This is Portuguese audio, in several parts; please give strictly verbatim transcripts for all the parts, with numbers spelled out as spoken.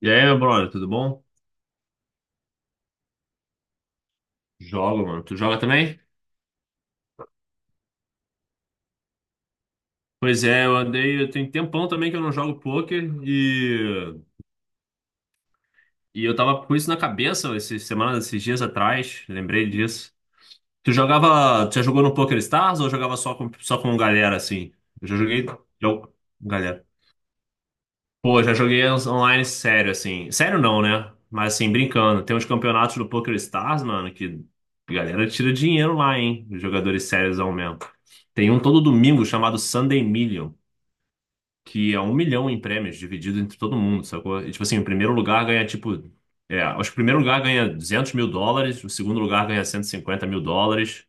E aí, meu brother, tudo bom? Jogo, mano. Tu joga também? Pois é, eu andei. Eu tenho tempão também que eu não jogo poker e. E eu tava com isso na cabeça essas semanas, esses dias atrás. Lembrei disso. Tu jogava. Tu já jogou no Poker Stars ou jogava só com, só com galera assim? Eu já joguei. Jogo. Galera. Pô, já joguei uns online sério, assim. Sério não, né? Mas assim, brincando. Tem uns campeonatos do Poker Stars, mano, que a galera tira dinheiro lá, hein? Os jogadores sérios ao mesmo. Tem um todo domingo chamado Sunday Million, que é um milhão em prêmios dividido entre todo mundo, sacou? E, tipo assim, o primeiro lugar ganha, tipo... É, acho que o primeiro lugar ganha duzentos mil dólares, o segundo lugar ganha cento e cinquenta mil dólares.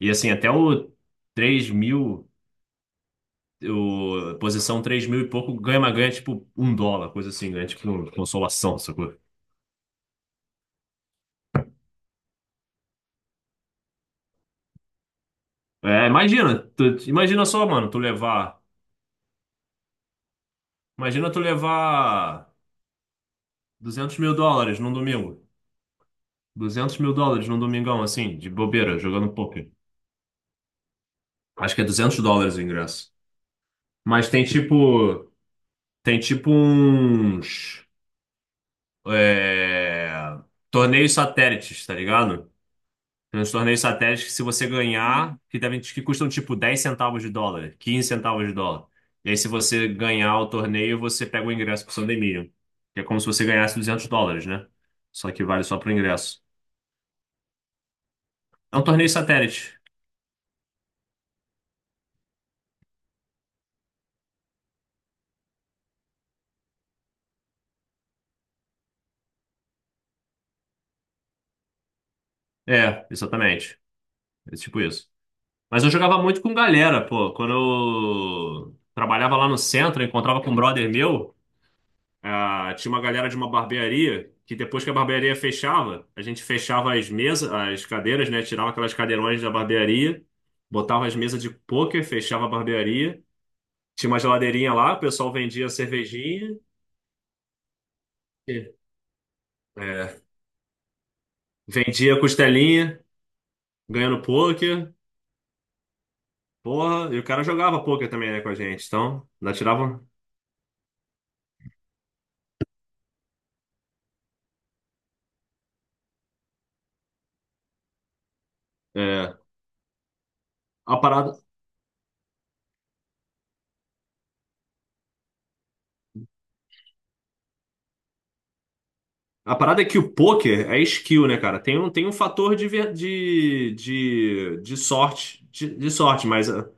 E assim, até o três mil o, posição três mil e pouco ganha, mas ganha tipo um dólar, coisa assim, ganha tipo consolação, sacou? É, imagina, tu- imagina só, mano, tu levar. Imagina tu levar duzentos mil dólares num domingo. duzentos mil dólares num domingão, assim, de bobeira, jogando poker. Acho que é duzentos dólares o ingresso. Mas tem tipo. Tem tipo uns. É, torneios satélites, tá ligado? Nos torneios satélites que se você ganhar, que devem, que custam tipo dez centavos de dólar, quinze centavos de dólar. E aí se você ganhar o torneio, você pega o ingresso pro Sun Dominion, que é como se você ganhasse 200 dólares, né? Só que vale só pro ingresso. É um torneio satélite. É, exatamente. É tipo isso. Mas eu jogava muito com galera, pô. Quando eu trabalhava lá no centro, eu encontrava com um brother meu. Ah, tinha uma galera de uma barbearia que depois que a barbearia fechava, a gente fechava as mesas, as cadeiras, né? Tirava aquelas cadeirões da barbearia, botava as mesas de pôquer, fechava a barbearia. Tinha uma geladeirinha lá, o pessoal vendia cervejinha, e- é, vendia costelinha, ganhando pôquer. Porra, e o cara jogava pôquer também, né, com a gente. Então, ainda tirava. É, a parada, a parada é que o poker é skill, né, cara? Tem um, tem um fator de, ver- de, de, de sorte, de, de sorte, mas ah,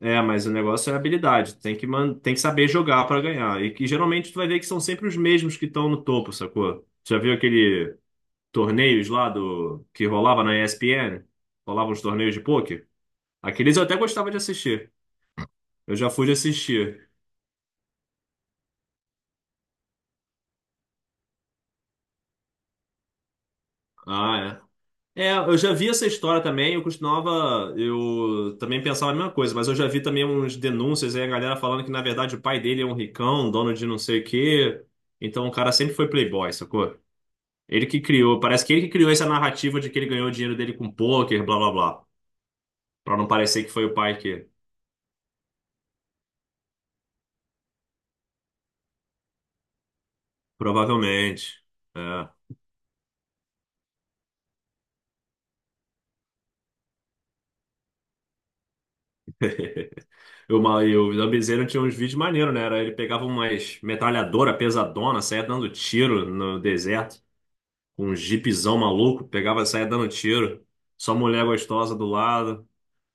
é, mas o negócio é habilidade. Tem que, man, tem que saber jogar pra ganhar. E que geralmente tu vai ver que são sempre os mesmos que estão no topo, sacou? Tu já viu aquele torneios lá do que rolava na E S P N? Rolavam os torneios de poker? Aqueles eu até gostava de assistir. Eu já fui de assistir. Ah, é. É, eu já vi essa história também, eu costumava, eu também pensava a mesma coisa, mas eu já vi também uns denúncias aí, a galera falando que na verdade o pai dele é um ricão, um dono de não sei o quê, então o cara sempre foi playboy, sacou? Ele que criou, parece que ele que criou essa narrativa de que ele ganhou o dinheiro dele com pôquer, blá blá blá, pra não parecer que foi o pai que, provavelmente, é. Eu, ma- eu, o Zambizeiro tinha uns vídeos maneiros, né, era, ele pegava umas metralhadora pesadona, saia dando tiro no deserto, com um jipzão maluco, pegava, saía dando tiro, só mulher gostosa do lado.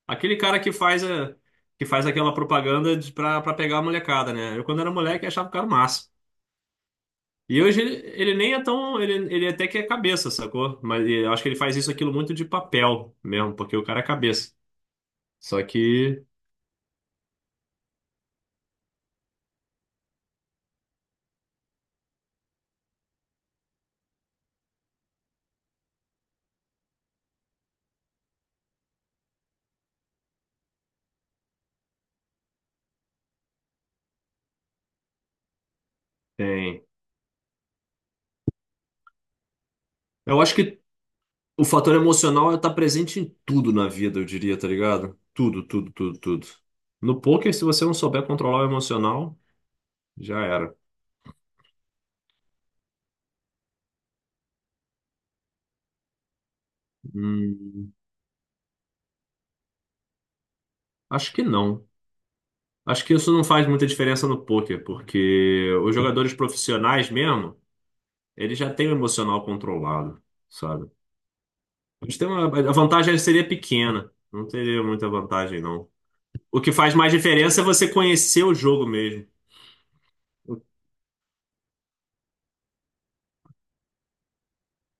Aquele cara que faz a, que faz aquela propaganda de, pra, pra pegar a molecada, né? Eu, quando era moleque, achava o cara massa. E hoje ele, ele nem é tão. Ele, ele até que é cabeça, sacou? Mas eu acho que ele faz isso aquilo muito de papel mesmo, porque o cara é cabeça. Só que tem. Eu acho que o fator emocional é tá presente em tudo na vida, eu diria, tá ligado? Tudo, tudo, tudo, tudo. No poker, se você não souber controlar o emocional, já era. Hum, acho que não. Acho que isso não faz muita diferença no poker, porque os jogadores profissionais mesmo, eles já têm o emocional controlado, sabe? Eles têm uma- a vantagem seria pequena, não teria muita vantagem, não. O que faz mais diferença é você conhecer o jogo mesmo.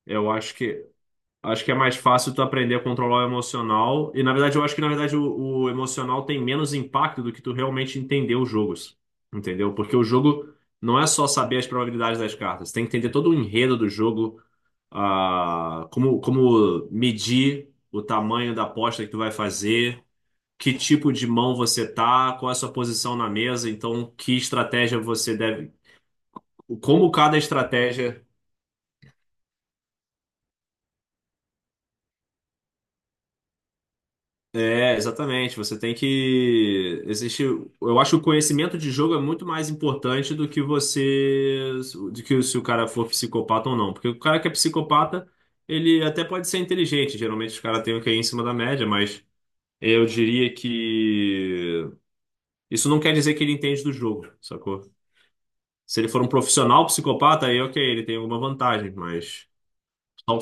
Eu acho que Acho que é mais fácil tu aprender a controlar o emocional. E na verdade, eu acho que na verdade o, o emocional tem menos impacto do que tu realmente entender os jogos. Entendeu? Porque o jogo não é só saber as probabilidades das cartas. Tem que entender todo o enredo do jogo, ah, como, como medir o tamanho da aposta que tu vai fazer, que tipo de mão você tá, qual é a sua posição na mesa, então que estratégia você deve. Como cada estratégia. É, exatamente. Você tem que. Existe. Eu acho que o conhecimento de jogo é muito mais importante do que você. Do que se o cara for psicopata ou não. Porque o cara que é psicopata, ele até pode ser inteligente. Geralmente os caras têm o que é em cima da média, mas eu diria que. Isso não quer dizer que ele entende do jogo, sacou? Se ele for um profissional psicopata, aí ok, ele tem alguma vantagem, mas. Só.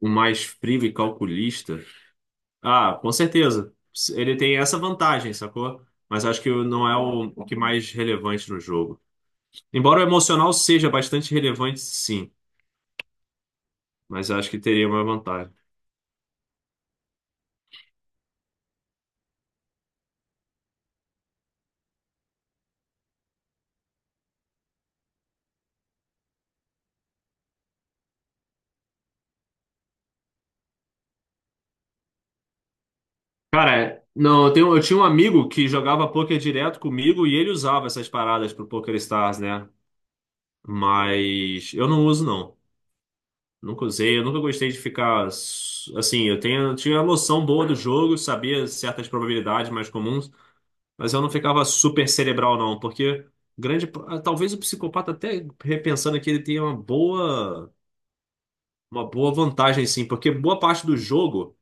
Um mais frio e calculista. Ah, com certeza. Ele tem essa vantagem, sacou? Mas acho que não é o o que mais relevante no jogo. Embora o emocional seja bastante relevante, sim. Mas acho que teria uma vantagem. Cara, não, eu, tenho- eu tinha um amigo que jogava poker direto comigo e ele usava essas paradas pro Poker Stars, né? Mas eu não uso, não. Nunca usei, eu nunca gostei de ficar. s- Assim, eu tenho, tinha a noção boa do jogo, sabia certas probabilidades mais comuns. Mas eu não ficava super cerebral, não, porque grande, talvez o psicopata até repensando aqui ele tenha uma boa, uma boa vantagem, sim, porque boa parte do jogo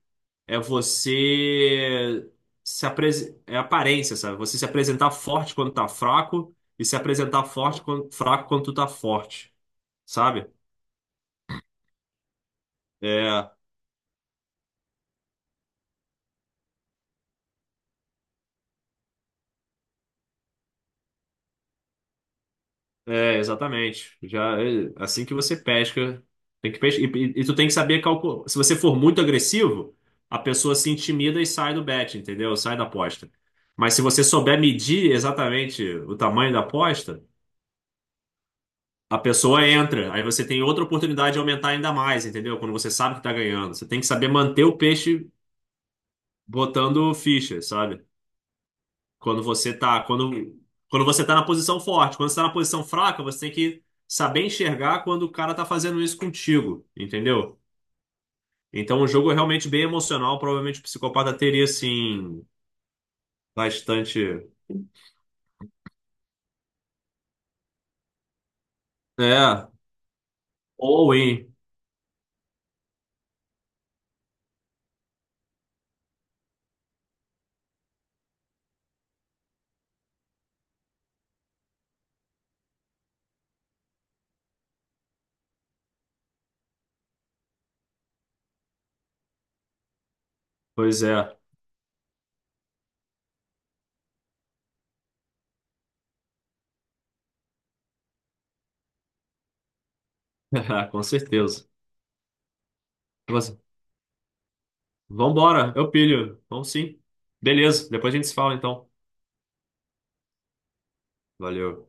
é você se apres... é aparência, sabe? Você se apresentar forte quando tá fraco e se apresentar forte quando... fraco quando tu tá forte, sabe? É, É, exatamente. Já é, assim que você pesca, tem que pesca, e, e- e tu tem que saber calcular. Se você for muito agressivo, a pessoa se intimida e sai do bet, entendeu? Sai da aposta. Mas se você souber medir exatamente o tamanho da aposta, a pessoa entra. Aí você tem outra oportunidade de aumentar ainda mais, entendeu? Quando você sabe que tá ganhando, você tem que saber manter o peixe botando ficha, sabe? Quando você tá, quando, quando você tá na posição forte, quando você tá na posição fraca, você tem que saber enxergar quando o cara tá fazendo isso contigo, entendeu? Então o jogo é realmente bem emocional, provavelmente o psicopata teria assim bastante, é, ou hein, pois é, com certeza. Você- Vambora, eu pilho. Vamos sim. Beleza, depois a gente se fala então. Valeu.